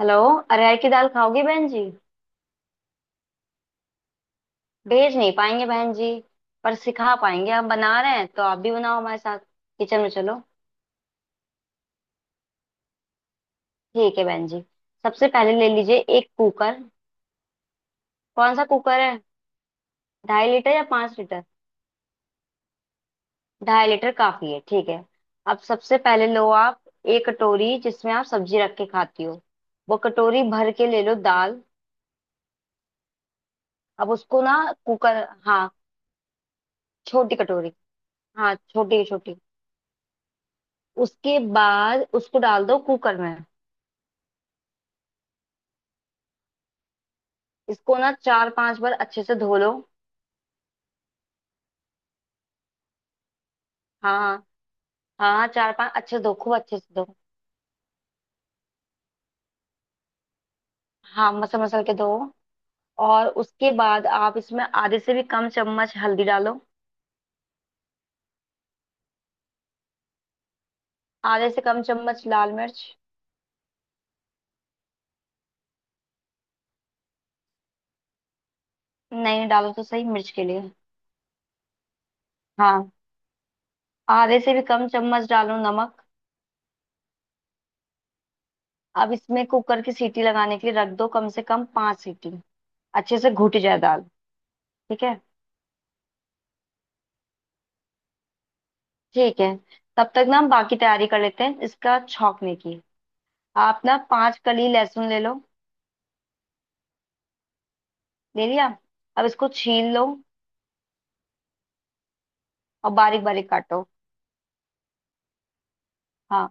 Hello. अरहर की दाल खाओगी बहन जी? भेज नहीं पाएंगे बहन जी, पर सिखा पाएंगे। हम बना रहे हैं तो आप भी बनाओ हमारे साथ। किचन में चलो। ठीक है बहन जी। सबसे पहले ले लीजिए एक कुकर। कौन सा कुकर है, 2.5 लीटर या 5 लीटर? 2.5 लीटर काफी है, ठीक है। अब सबसे पहले लो आप एक कटोरी जिसमें आप सब्जी रख के खाती हो, वो कटोरी भर के ले लो दाल। अब उसको ना, कुकर, हाँ। छोटी कटोरी, हाँ, छोटी छोटी। उसके बाद उसको डाल दो कुकर में। इसको ना चार पांच बार अच्छे से धो लो। हाँ हाँ हाँ हाँ, चार पांच अच्छे से धो, खूब अच्छे से धो। हाँ, मसल मसल के धो। और उसके बाद आप इसमें आधे से भी कम चम्मच हल्दी डालो। आधे से कम चम्मच लाल मिर्च। नहीं, डालो तो सही मिर्च के लिए। हाँ, आधे से भी कम चम्मच डालो नमक। अब इसमें कुकर की सीटी लगाने के लिए रख दो कम से कम 5 सीटी। अच्छे से घुट जाए दाल, ठीक है ठीक है। तब तक ना हम बाकी तैयारी कर लेते हैं इसका छौंकने की। आप ना 5 कली लहसुन ले लो। ले लिया। अब इसको छील लो और बारीक बारीक काटो। हाँ,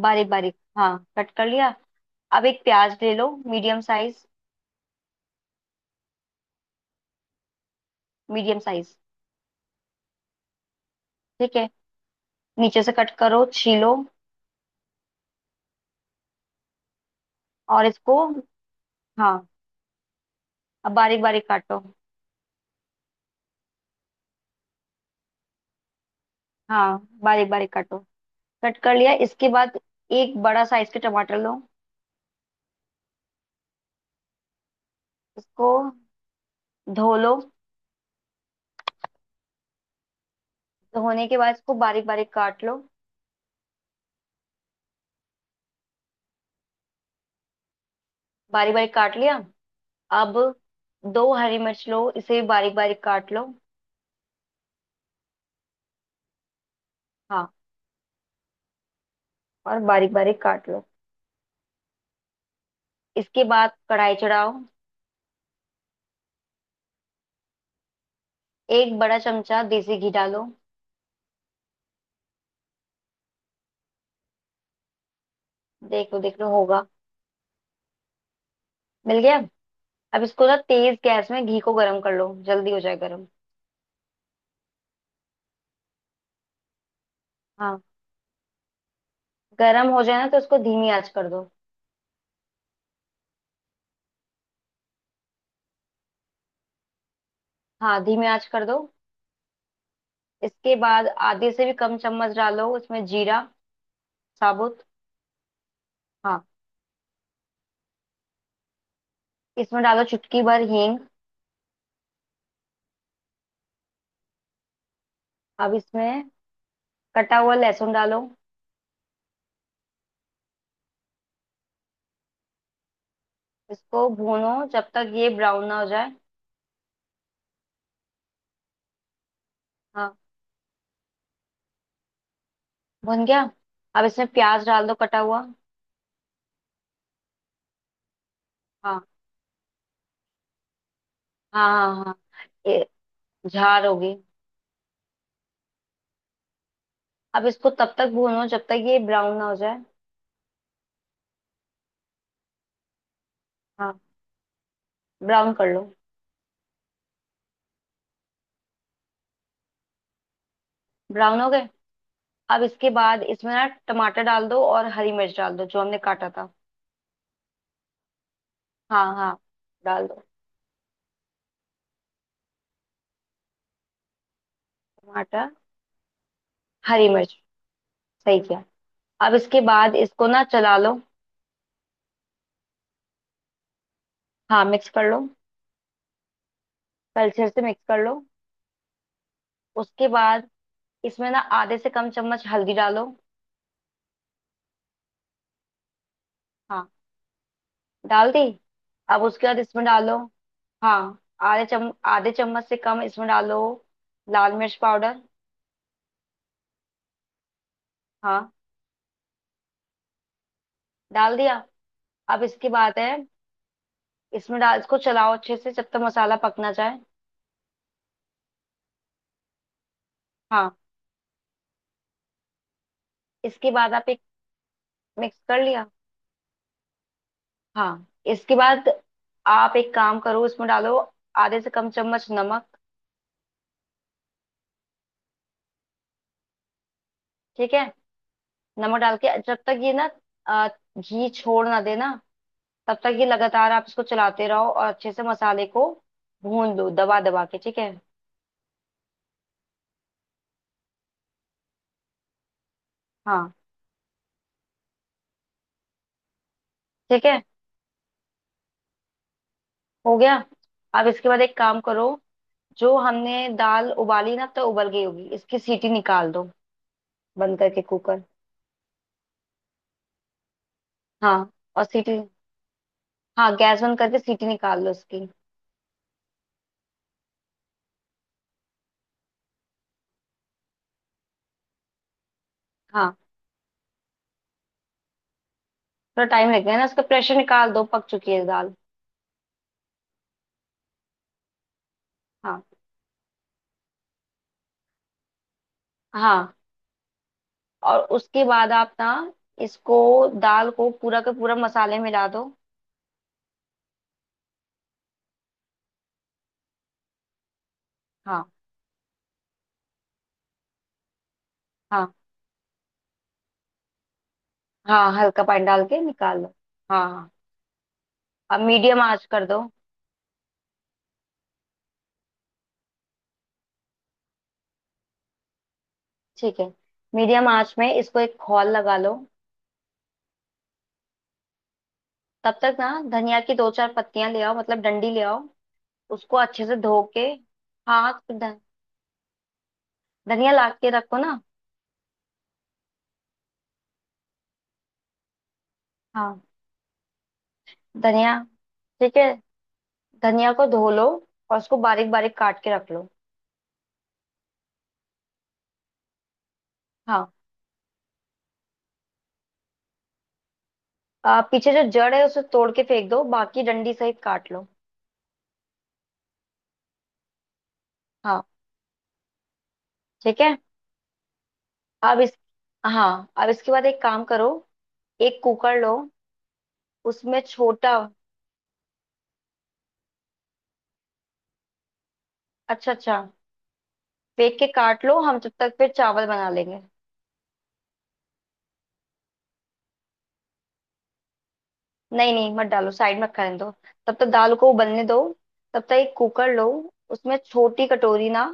बारीक बारीक, हाँ। कट कर लिया। अब एक प्याज ले लो मीडियम साइज। मीडियम साइज, ठीक है। नीचे से कट करो, छीलो। और इसको, हाँ। अब बारीक बारीक काटो। हाँ, बारीक बारीक काटो। कट कर लिया इसके बाद। एक बड़ा साइज के टमाटर लो। इसको धो लो। धोने के बाद इसको बारीक बारीक काट लो। बारीक बारीक काट लिया। अब दो हरी मिर्च लो, इसे भी बारीक बारीक काट लो। हाँ, और बारीक बारीक काट लो। इसके बाद कढ़ाई चढ़ाओ। एक बड़ा चमचा देसी घी डालो। देख लो, देख लो, होगा। मिल गया। अब इसको ना तेज गैस में घी को गर्म कर लो, जल्दी हो जाए गर्म। हाँ, गर्म हो जाए ना तो इसको धीमी आंच कर दो। हाँ, धीमी आंच कर दो। इसके बाद आधे से भी कम चम्मच डालो इसमें जीरा साबुत। हाँ, इसमें डालो चुटकी भर हींग। अब इसमें कटा हुआ लहसुन डालो। इसको भूनो जब तक ये ब्राउन ना हो जाए। हाँ, भुन गया। अब इसमें प्याज डाल दो कटा हुआ। हाँ हाँ हाँ हाँ। ए- झार होगी। अब इसको तब तक भूनो जब तक ये ब्राउन ना हो जाए। हाँ, ब्राउन कर लो। ब्राउन हो गए। अब इसके बाद इसमें ना टमाटर डाल दो और हरी मिर्च डाल दो जो हमने काटा था। हाँ हाँ, डाल दो। टमाटर, हरी मिर्च, सही किया। अब इसके बाद इसको ना चला लो। हाँ, मिक्स कर लो। कलछे से मिक्स कर लो। उसके बाद इसमें ना आधे से कम चम्मच हल्दी डालो। हाँ, डाल दी। अब उसके बाद इसमें डालो। हाँ, आधे चम्मच से कम इसमें डालो लाल मिर्च पाउडर। हाँ, डाल दिया। अब इसकी बात है, इसमें डाल, इसको चलाओ अच्छे से जब तक मसाला पकना जाए। हाँ, इसके बाद आप एक, मिक्स कर लिया। हाँ, इसके बाद आप एक काम करो, इसमें डालो आधे से कम चम्मच नमक। ठीक है। नमक डाल के जब तक ये ना, अ, घी छोड़ ना देना, तब तक ये लगातार आप इसको चलाते रहो और अच्छे से मसाले को भून दो दबा दबा के, ठीक है। हाँ, ठीक है, हो गया। अब इसके बाद एक काम करो, जो हमने दाल उबाली ना अब तो उबल गई होगी, इसकी सीटी निकाल दो, बंद करके कुकर। हाँ, और सीटी, हाँ, गैस बंद करके सीटी निकाल लो उसकी। हाँ, थोड़ा टाइम लगेगा ना, उसका प्रेशर निकाल दो, पक चुकी है दाल। हाँ हाँ। और उसके बाद आप ना इसको, दाल को पूरा का पूरा मसाले मिला दो। हाँ हाँ हाँ, हल्का पानी डाल के निकाल लो। हाँ हाँ। अब मीडियम आंच कर दो। ठीक है, मीडियम आंच में इसको एक खौल लगा लो। तब तक ना धनिया की दो चार पत्तियां ले आओ, मतलब डंडी ले आओ, उसको अच्छे से धो के। हाँ, धनिया ला के रखो ना। हाँ, धनिया, ठीक है। धनिया को धो लो और उसको बारीक बारीक काट के रख लो। हाँ, पीछे जो जड़ है उसे तोड़ के फेंक दो, बाकी डंडी सहित काट लो। हाँ, ठीक है। अब इस, हाँ, अब इसके बाद एक काम करो। एक कुकर लो, उसमें छोटा। अच्छा अच्छा, फेंक के काट लो, हम तब तक फिर चावल बना लेंगे। नहीं नहीं, मत डालो, साइड में करने दो। तब तक दाल को उबलने दो। तब तक एक कुकर लो, उसमें छोटी कटोरी ना,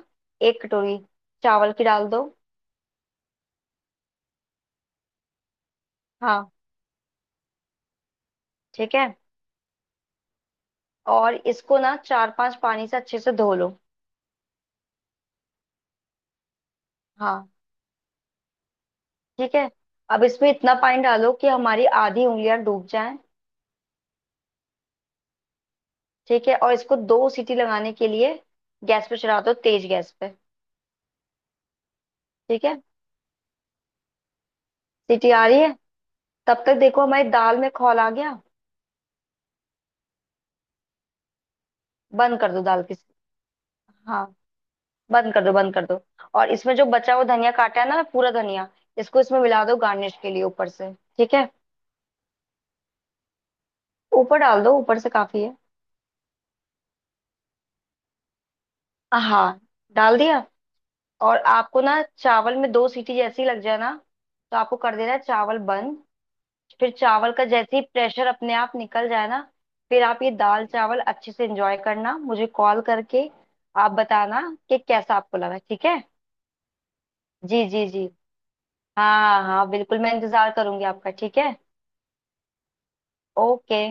एक कटोरी चावल की डाल दो। हाँ, ठीक है। और इसको ना चार पांच पानी से अच्छे से धो लो। हाँ, ठीक है। अब इसमें इतना पानी डालो कि हमारी आधी उंगलियां डूब जाएं। ठीक है, और इसको 2 सीटी लगाने के लिए गैस पे चढ़ा दो, तेज गैस पे। ठीक है, सीटी आ रही है। तब तक देखो हमारी दाल में खौल आ गया। बंद कर दो दाल की। हाँ, बंद कर दो, बंद कर दो। और इसमें जो बचा हुआ धनिया काटा है ना, पूरा धनिया इसको इसमें मिला दो गार्निश के लिए, ऊपर से। ठीक है, ऊपर डाल दो, ऊपर से काफी है। हाँ, डाल दिया। और आपको ना चावल में 2 सीटी जैसी लग जाए ना तो आपको कर देना है चावल बंद। फिर चावल का जैसे ही प्रेशर अपने आप निकल जाए ना, फिर आप ये दाल चावल अच्छे से एंजॉय करना, मुझे कॉल करके आप बताना कि कैसा आपको लगा, ठीक है। जी जी जी, हाँ हाँ बिल्कुल, मैं इंतजार करूंगी आपका, ठीक है। ओके।